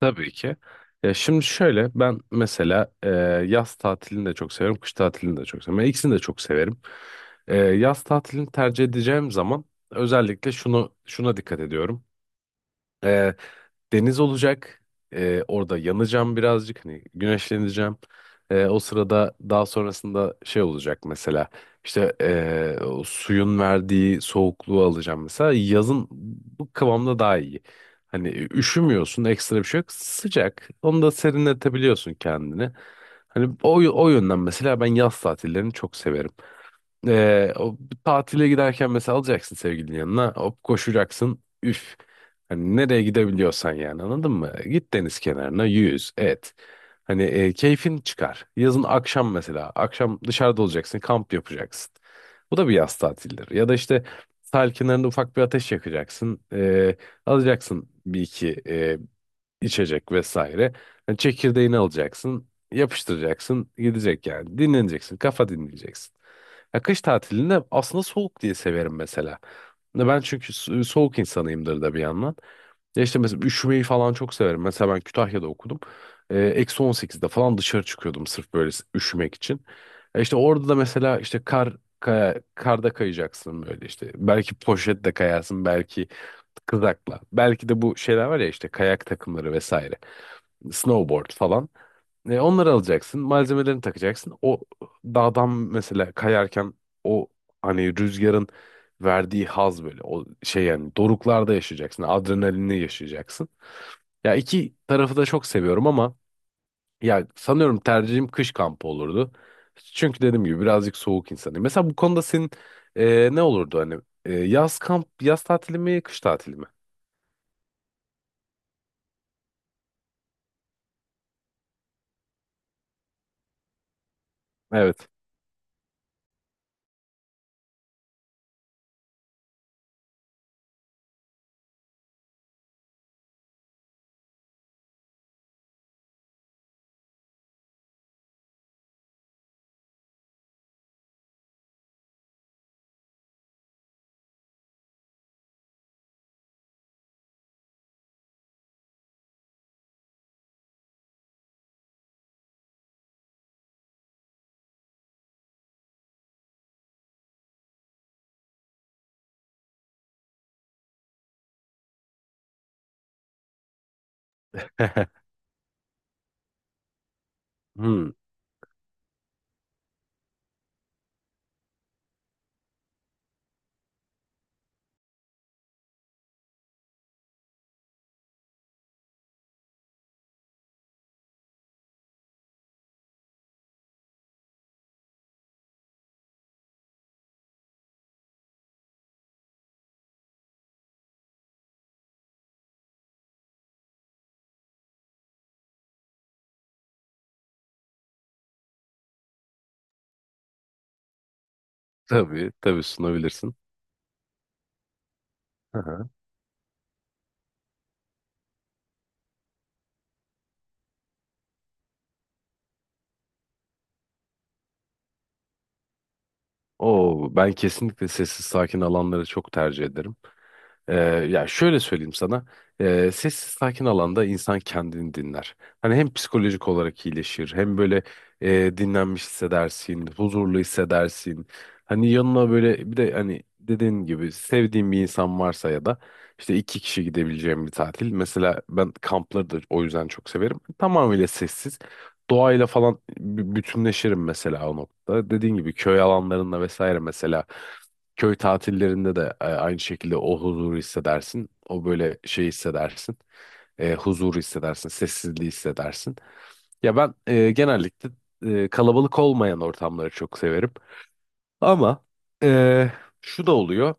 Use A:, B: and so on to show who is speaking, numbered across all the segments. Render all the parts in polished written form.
A: Tabii ki. Ya şimdi şöyle ben mesela yaz tatilini de çok severim, kış tatilini de çok severim. Ben İkisini de çok severim. Yaz tatilini tercih edeceğim zaman özellikle şunu şuna dikkat ediyorum deniz olacak. Orada yanacağım birazcık. Hani güneşleneceğim. O sırada daha sonrasında şey olacak mesela. İşte o suyun verdiği soğukluğu alacağım mesela. Yazın bu kıvamda daha iyi. Hani üşümüyorsun ekstra bir şey yok. Sıcak. Onu da serinletebiliyorsun kendini. Hani o yönden mesela ben yaz tatillerini çok severim. O tatile giderken mesela alacaksın sevgilinin yanına. Hop koşacaksın. Üf. Hani nereye gidebiliyorsan yani anladın mı? Git deniz kenarına yüz et. Hani keyfin çıkar. Yazın akşam mesela. Akşam dışarıda olacaksın. Kamp yapacaksın. Bu da bir yaz tatilidir. Ya da işte sahil kenarında ufak bir ateş yakacaksın. Alacaksın bir iki içecek vesaire. Yani çekirdeğini alacaksın. Yapıştıracaksın. Gidecek yani. Dinleneceksin. Kafa dinleyeceksin. Ya kış tatilinde aslında soğuk diye severim mesela. Ya ben çünkü soğuk insanıyımdır da bir yandan. Ya işte mesela üşümeyi falan çok severim. Mesela ben Kütahya'da okudum. -18'de falan dışarı çıkıyordum sırf böyle üşümek için. E işte orada da mesela işte karda kayacaksın böyle işte. Belki poşetle kayarsın, belki kızakla. Belki de bu şeyler var ya işte kayak takımları vesaire. Snowboard falan. Onları alacaksın, malzemelerini takacaksın. O dağdan mesela kayarken o hani rüzgarın verdiği haz böyle o şey yani doruklarda yaşayacaksın, adrenalinle yaşayacaksın. Ya iki tarafı da çok seviyorum ama ya sanıyorum tercihim kış kampı olurdu. Çünkü dediğim gibi birazcık soğuk insanım. Mesela bu konuda senin ne olurdu hani yaz kamp, yaz tatili mi, kış tatili mi? Evet. Hmm, tabii, tabii sunabilirsin. Oo, ben kesinlikle sessiz sakin alanları çok tercih ederim. Ee, Ya şöyle söyleyeyim sana. Sessiz sakin alanda insan kendini dinler. Hani hem psikolojik olarak iyileşir hem böyle dinlenmiş hissedersin, huzurlu hissedersin. Hani yanına böyle bir de hani dediğin gibi sevdiğin bir insan varsa ya da işte iki kişi gidebileceğim bir tatil. Mesela ben kampları da o yüzden çok severim. Tamamıyla sessiz. Doğayla falan bütünleşirim mesela o noktada. Dediğin gibi köy alanlarında vesaire mesela köy tatillerinde de aynı şekilde o huzuru hissedersin. O böyle şey hissedersin. Huzuru hissedersin, sessizliği hissedersin. Ya ben genellikle kalabalık olmayan ortamları çok severim. Ama eee, şu da oluyor.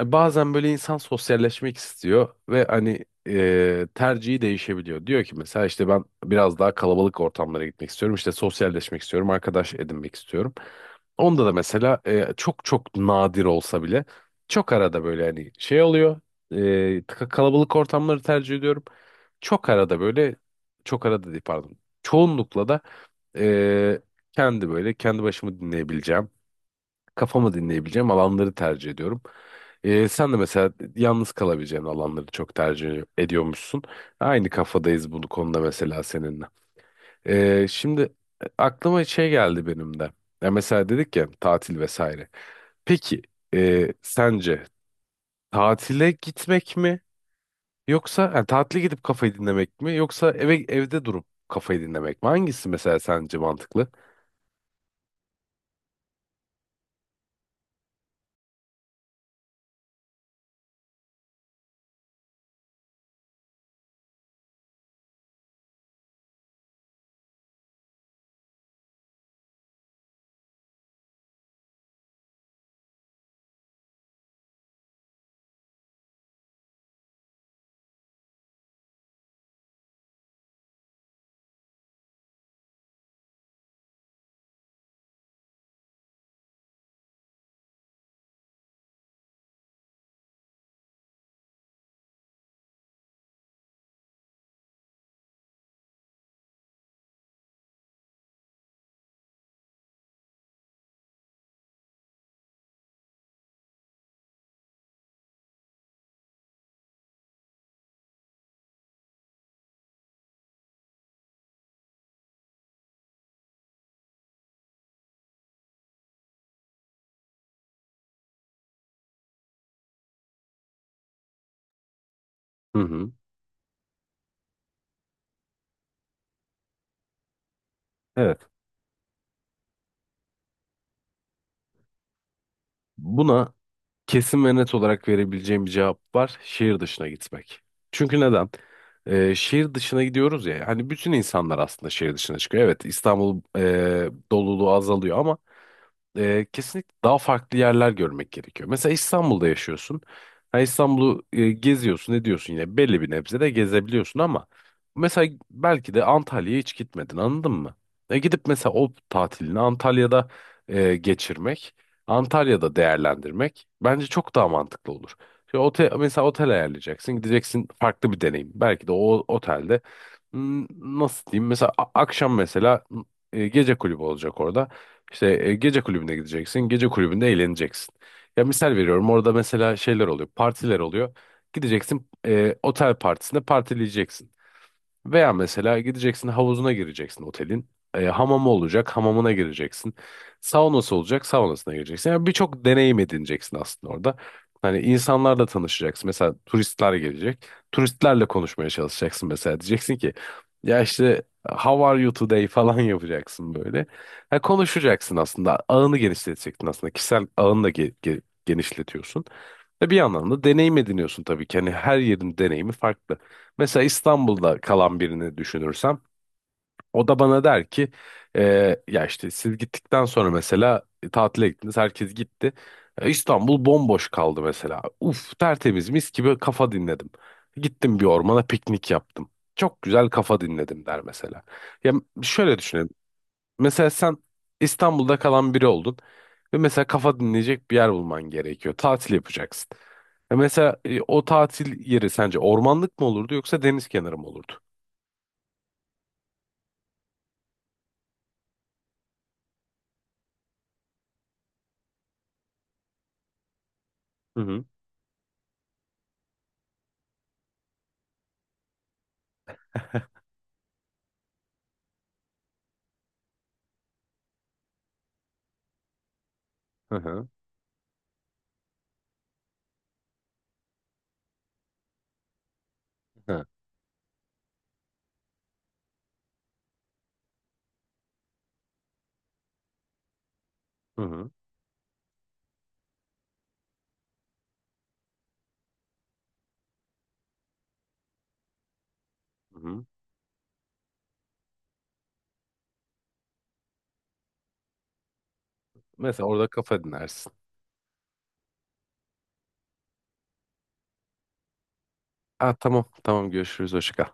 A: Bazen böyle insan sosyalleşmek istiyor ve hani tercihi değişebiliyor. Diyor ki mesela işte ben biraz daha kalabalık ortamlara gitmek istiyorum. İşte sosyalleşmek istiyorum, arkadaş edinmek istiyorum. Onda da mesela çok çok nadir olsa bile çok arada böyle hani şey oluyor. Kalabalık ortamları tercih ediyorum. Çok arada böyle çok arada değil pardon. Çoğunlukla da eee, kendi böyle kendi başımı dinleyebileceğim kafamı dinleyebileceğim alanları tercih ediyorum. Sen de mesela yalnız kalabileceğin alanları çok tercih ediyormuşsun. Aynı kafadayız bu konuda mesela seninle. Şimdi aklıma şey geldi benim de. Ya mesela dedik ya tatil vesaire. Peki sence tatile gitmek mi? Yoksa yani tatile gidip kafayı dinlemek mi? Yoksa evde durup kafayı dinlemek mi? Hangisi mesela sence mantıklı? Hı hı. Evet. Buna kesin ve net olarak verebileceğim bir cevap var. Şehir dışına gitmek. Çünkü neden? Şehir dışına gidiyoruz ya. Hani bütün insanlar aslında şehir dışına çıkıyor. Evet İstanbul doluluğu azalıyor ama kesinlikle daha farklı yerler görmek gerekiyor. Mesela İstanbul'da yaşıyorsun. Ha, İstanbul'u geziyorsun, ediyorsun yine belli bir nebze de gezebiliyorsun ama mesela belki de Antalya'ya hiç gitmedin, anladın mı? Gidip mesela o tatilini Antalya'da geçirmek, Antalya'da değerlendirmek bence çok daha mantıklı olur. Şimdi mesela otel ayarlayacaksın, gideceksin farklı bir deneyim. Belki de o otelde hmm, nasıl diyeyim mesela akşam mesela gece kulübü olacak orada. İşte gece kulübüne gideceksin. Gece kulübünde eğleneceksin. Ya misal veriyorum orada mesela şeyler oluyor. Partiler oluyor. Gideceksin otel partisinde partileyeceksin. Veya mesela gideceksin havuzuna gireceksin otelin. Hamamı olacak, hamamına gireceksin. Saunası olacak, saunasına gireceksin. Yani birçok deneyim edineceksin aslında orada. Hani insanlarla tanışacaksın. Mesela turistler gelecek. Turistlerle konuşmaya çalışacaksın mesela. Diyeceksin ki ya işte how are you today falan yapacaksın böyle. Ha, konuşacaksın aslında. Ağını genişleteceksin aslında. Kişisel ağını da genişletiyorsun. Ve bir yandan da deneyim ediniyorsun tabii ki. Hani her yerin deneyimi farklı. Mesela İstanbul'da kalan birini düşünürsem o da bana der ki: "E, Ya işte siz gittikten sonra mesela tatile gittiniz, herkes gitti. İstanbul bomboş kaldı mesela. Uf, tertemiz, mis gibi kafa dinledim. Gittim bir ormana, piknik yaptım. Çok güzel kafa dinledim," der mesela. Ya şöyle düşünelim. Mesela sen İstanbul'da kalan biri oldun ve mesela kafa dinleyecek bir yer bulman gerekiyor. Tatil yapacaksın. Ya mesela o tatil yeri sence ormanlık mı olurdu yoksa deniz kenarı mı olurdu? Hı hı. Hı hı. Hı hı. Hı hı. Mesela orada kafa dinlersin. Ha, tamam tamam görüşürüz hoşça kal.